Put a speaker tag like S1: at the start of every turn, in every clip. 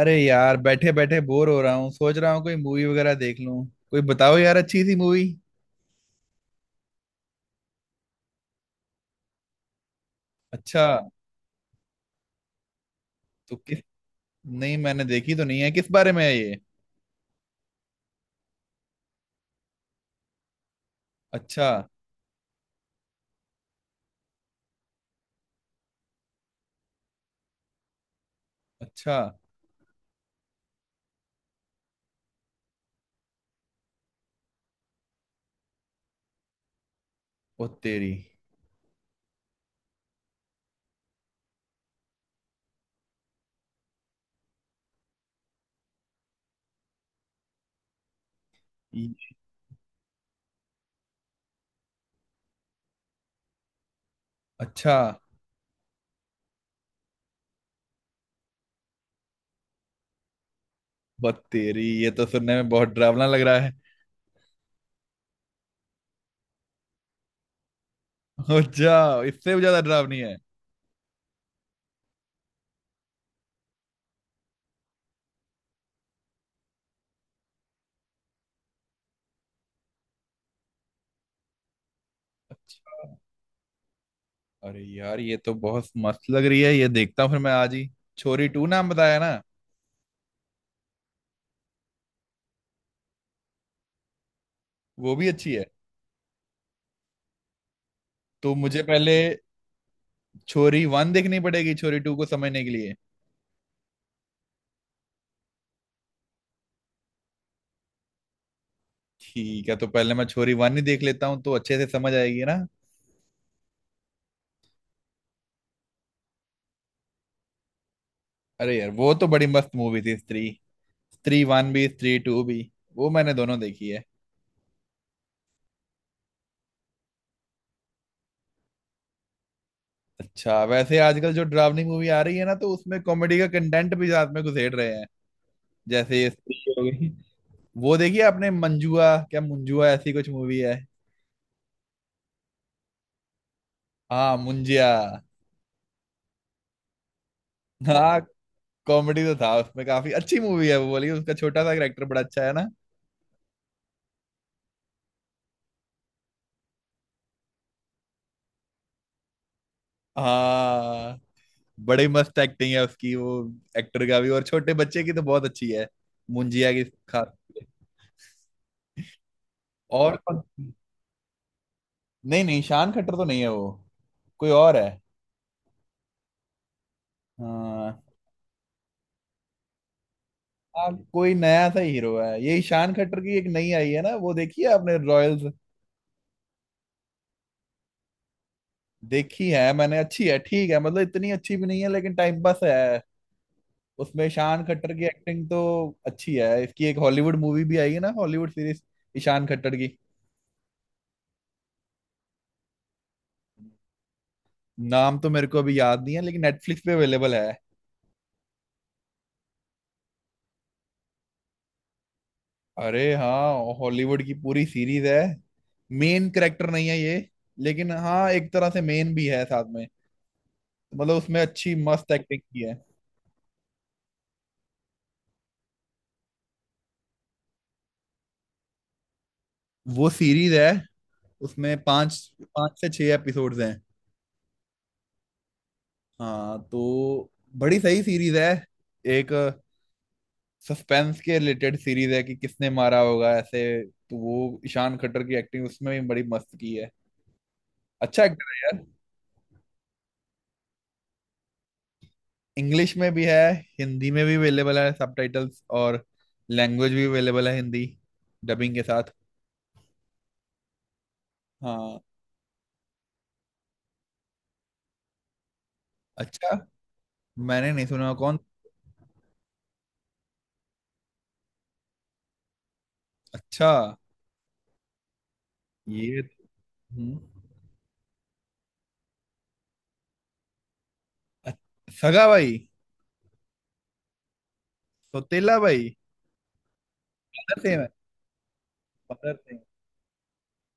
S1: अरे यार, बैठे बैठे बोर हो रहा हूँ। सोच रहा हूँ कोई मूवी वगैरह देख लूँ। कोई बताओ यार अच्छी सी मूवी। अच्छा, तो किस? नहीं, मैंने देखी तो नहीं है, किस बारे में है ये? अच्छा। अच्छा। ओ तेरी। ये- अच्छा। बत तेरी, ये तो सुनने में बहुत डरावना लग रहा है। अच्छा, इससे भी ज्यादा डरावनी है? अच्छा। अरे यार, ये तो बहुत मस्त लग रही है, ये देखता हूँ फिर मैं आज ही। छोरी टू नाम बताया ना? वो भी अच्छी है? तो मुझे पहले छोरी वन देखनी पड़ेगी छोरी टू को समझने के लिए। ठीक है, तो पहले मैं छोरी वन ही देख लेता हूँ तो अच्छे से समझ आएगी ना। अरे यार, वो तो बड़ी मस्त मूवी थी स्त्री। स्त्री वन भी, स्त्री टू भी, वो मैंने दोनों देखी है। अच्छा, वैसे आजकल जो डरावनी मूवी आ रही है ना तो उसमें कॉमेडी का कंटेंट भी साथ में घुसेड़ रहे हैं। जैसे ये स्त्री हो गई। वो देखी है आपने मंजुआ, क्या मुंजुआ, ऐसी कुछ मूवी है? हाँ, मुंजिया। हाँ, कॉमेडी तो था उसमें, काफी अच्छी मूवी है वो। बोलिए, उसका छोटा सा कैरेक्टर बड़ा अच्छा है ना? हाँ, बड़ी मस्त एक्टिंग है उसकी। वो एक्टर का भी, और छोटे बच्चे की तो बहुत अच्छी है मुंजिया की खास। और कौन- नहीं नहीं, शान खट्टर तो नहीं है वो, कोई और है। हाँ। कोई नया सा हीरो है। यही शान खट्टर की एक नई आई है ना, वो देखी है आपने रॉयल्स? देखी है मैंने, अच्छी है, ठीक है, मतलब इतनी अच्छी भी नहीं है लेकिन टाइम पास है। उसमें शान खट्टर की एक्टिंग तो अच्छी है। इसकी एक हॉलीवुड मूवी भी आई है ना, हॉलीवुड सीरीज, ईशान खट्टर की। नाम तो मेरे को अभी याद नहीं है लेकिन नेटफ्लिक्स पे अवेलेबल है। अरे हाँ, हॉलीवुड की पूरी सीरीज है। मेन करेक्टर नहीं है ये, लेकिन हाँ एक तरह से मेन भी है साथ में। मतलब उसमें अच्छी मस्त एक्टिंग की है। वो सीरीज है, उसमें पांच पांच से छह एपिसोड्स हैं। हाँ तो बड़ी सही सीरीज है। एक सस्पेंस के रिलेटेड सीरीज है कि किसने मारा होगा ऐसे। तो वो ईशान खट्टर की एक्टिंग उसमें भी बड़ी मस्त की है। अच्छा एक्टर है यार। इंग्लिश में भी है, हिंदी में भी अवेलेबल है सबटाइटल्स, और लैंग्वेज भी अवेलेबल है हिंदी डबिंग के साथ। हाँ। अच्छा। मैंने नहीं सुना, कौन? अच्छा। ये। हम्म, अ- सगा भाई? सौतेला भाई। भगत सिंह है, भगत सिंह।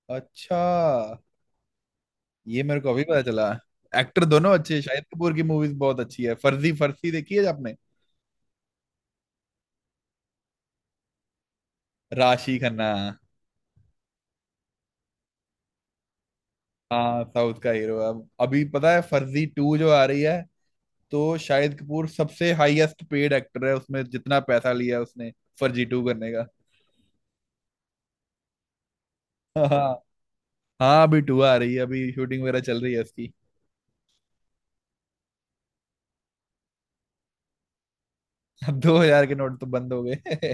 S1: अच्छा, ये मेरे को अभी पता चला। एक्टर दोनों अच्छे हैं। शाहिद कपूर की मूवीज बहुत अच्छी है। फर्जी फर्जी देखी है आपने? राशि खन्ना। हाँ, साउथ का हीरो। अब अभी पता है फर्जी टू जो आ रही है, तो शाहिद कपूर सबसे हाईएस्ट पेड एक्टर है उसमें। जितना पैसा लिया उसने फर्जी टू करने का। हाँ। हाँ अभी टू आ रही है, अभी शूटिंग वगैरह चल रही है उसकी। अब दो हजार के नोट तो बंद हो गए।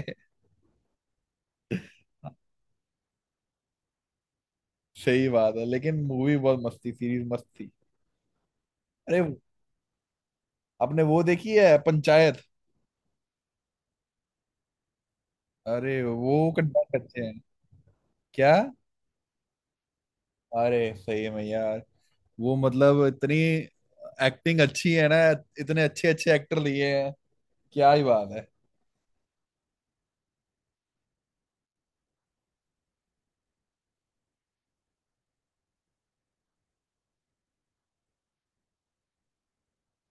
S1: सही बात है, लेकिन मूवी बहुत मस्त थी, सीरीज मस्त थी। अरे आपने वो देखी है पंचायत? अरे वो कंटेंट अच्छे हैं। क्या? अरे सही में यार, वो मतलब इतनी एक्टिंग अच्छी है ना, इतने अच्छे अच्छे एक्टर लिए हैं, क्या ही बात है।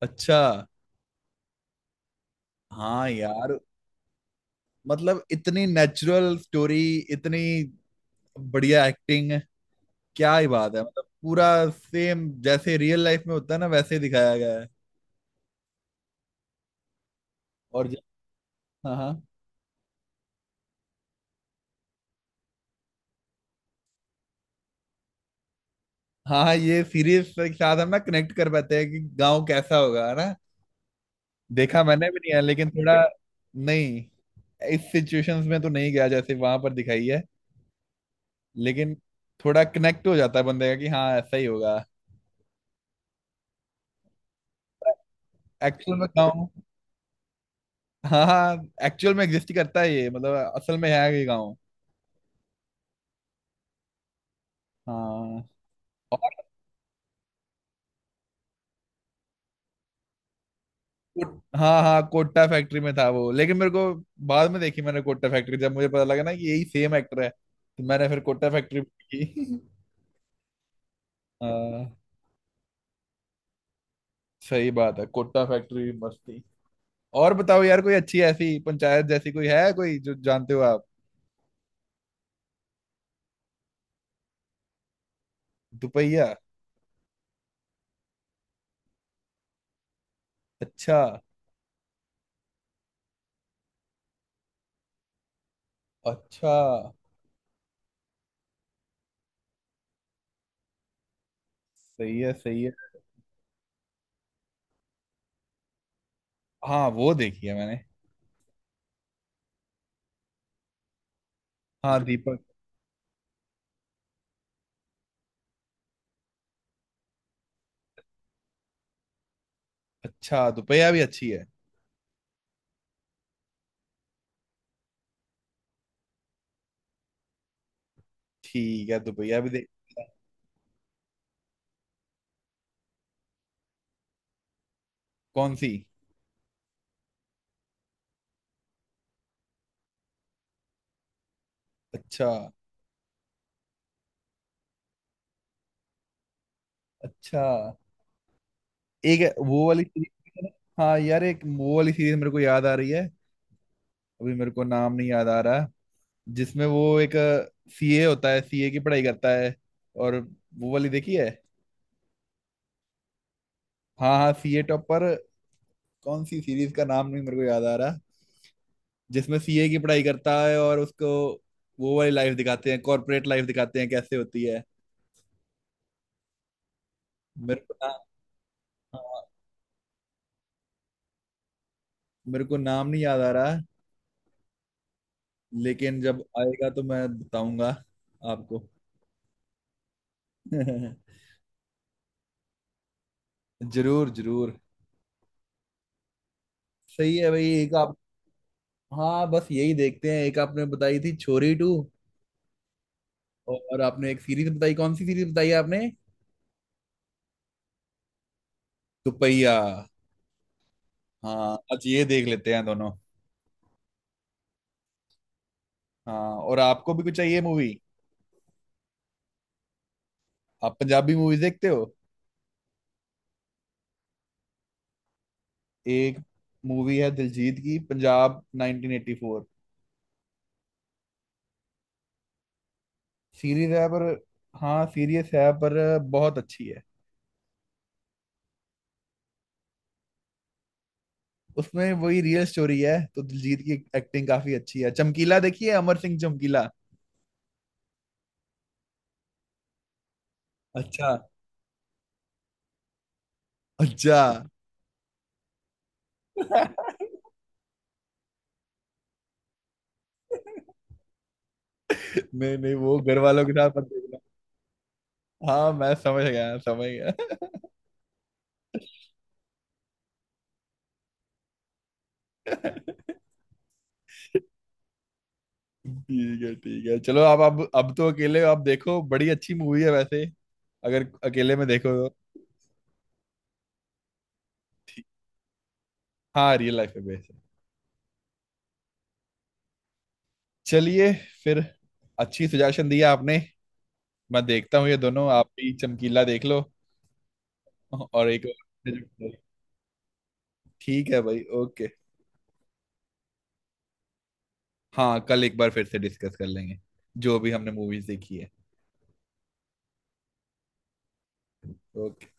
S1: अच्छा। हाँ यार, मतलब इतनी नेचुरल स्टोरी, इतनी बढ़िया एक्टिंग, क्या ही बात है। मतलब पूरा सेम जैसे रियल लाइफ में होता है ना वैसे ही दिखाया गया है। और ज- हाँ हाँ। हाँ हाँ, ये सीरीज के साथ हम ना कनेक्ट कर पाते हैं कि गांव कैसा होगा, है ना? देखा मैंने भी नहीं है लेकिन थोड़ा। नहीं, इस सिचुएशंस में तो नहीं गया जैसे वहां पर दिखाई है, लेकिन थोड़ा कनेक्ट हो जाता है बंदे का कि हाँ ऐसा ही होगा एक्चुअल में गाँव। हाँ हाँ, एक्चुअल में एग्जिस्ट करता है ये, मतलब असल में है ये गाँव। हाँ। और कोट- हाँ हाँ, कोट्टा फैक्ट्री में था वो, लेकिन मेरे को बाद में देखी मैंने कोट्टा फैक्ट्री। जब मुझे पता लगा ना कि यही सेम एक्टर है तो मैंने फिर कोट्टा फैक्ट्री देखी। हाँ। सही बात है, कोट्टा फैक्ट्री भी मस्त थी। और बताओ यार, कोई अच्छी ऐसी पंचायत जैसी कोई है, कोई जो जानते हो आप? दुपहिया। अच्छा। अच्छा। सही है सही है। हाँ वो देखी है मैंने। हाँ दीपक। अच्छा, दुपहिया भी अच्छी है? ठीक है, दुपहिया भी देख। कौन सी? अच्छा। अच्छा। एक है- वो वाली सीरीज। हाँ यार, एक वो वाली सीरीज मेरे को याद आ रही है। अभी मेरे को नाम नहीं याद आ रहा। जिसमें वो एक सीए होता है, सीए की पढ़ाई करता है, और वो वाली देखी है? हाँ हाँ, सीए टॉपर। कौन सी सीरीज का नाम नहीं मेरे को याद आ रहा जिसमें सीए की पढ़ाई करता है और उसको वो वाली लाइफ दिखाते हैं, कॉर्पोरेट लाइफ दिखाते हैं कैसे होती है। मेरे को ना, हाँ, मेरे को नाम नहीं याद आ रहा, लेकिन जब आएगा तो मैं बताऊंगा आपको। जरूर जरूर। सही है भाई। एक आप, हाँ बस यही देखते हैं। एक आपने बताई थी छोरी टू, और आपने एक सीरीज बताई, कौन सी सीरीज बताई आपने? दुपहिया। हाँ, आज ये देख लेते हैं दोनों। हाँ, और आपको भी कुछ चाहिए मूवी? आप पंजाबी मूवीज देखते हो? एक मूवी है दिलजीत की, पंजाब 1984। सीरीज है पर, हाँ सीरीज है पर, बहुत अच्छी है। उसमें वही रियल स्टोरी है तो दिलजीत की एक्टिंग काफी अच्छी है। चमकीला देखिए, अमर सिंह चमकीला। अच्छा। अच्छा। नहीं नहीं, वो घर वालों के साथ मत देखना। हाँ, मैं समझ गया समझ गया। ठीक है ठीक है, चलो आप अब तो अकेले आप देखो। बड़ी अच्छी मूवी है वैसे, अगर अकेले में देखो तो। हाँ रियल लाइफ पे बेस्ड है। चलिए फिर, अच्छी सजेशन दिया आपने। मैं देखता हूँ ये दोनों। आप भी चमकीला देख लो, और एक और ठीक है भाई, ओके। हाँ, कल एक बार फिर से डिस्कस कर लेंगे जो भी हमने मूवीज देखी है। ओके।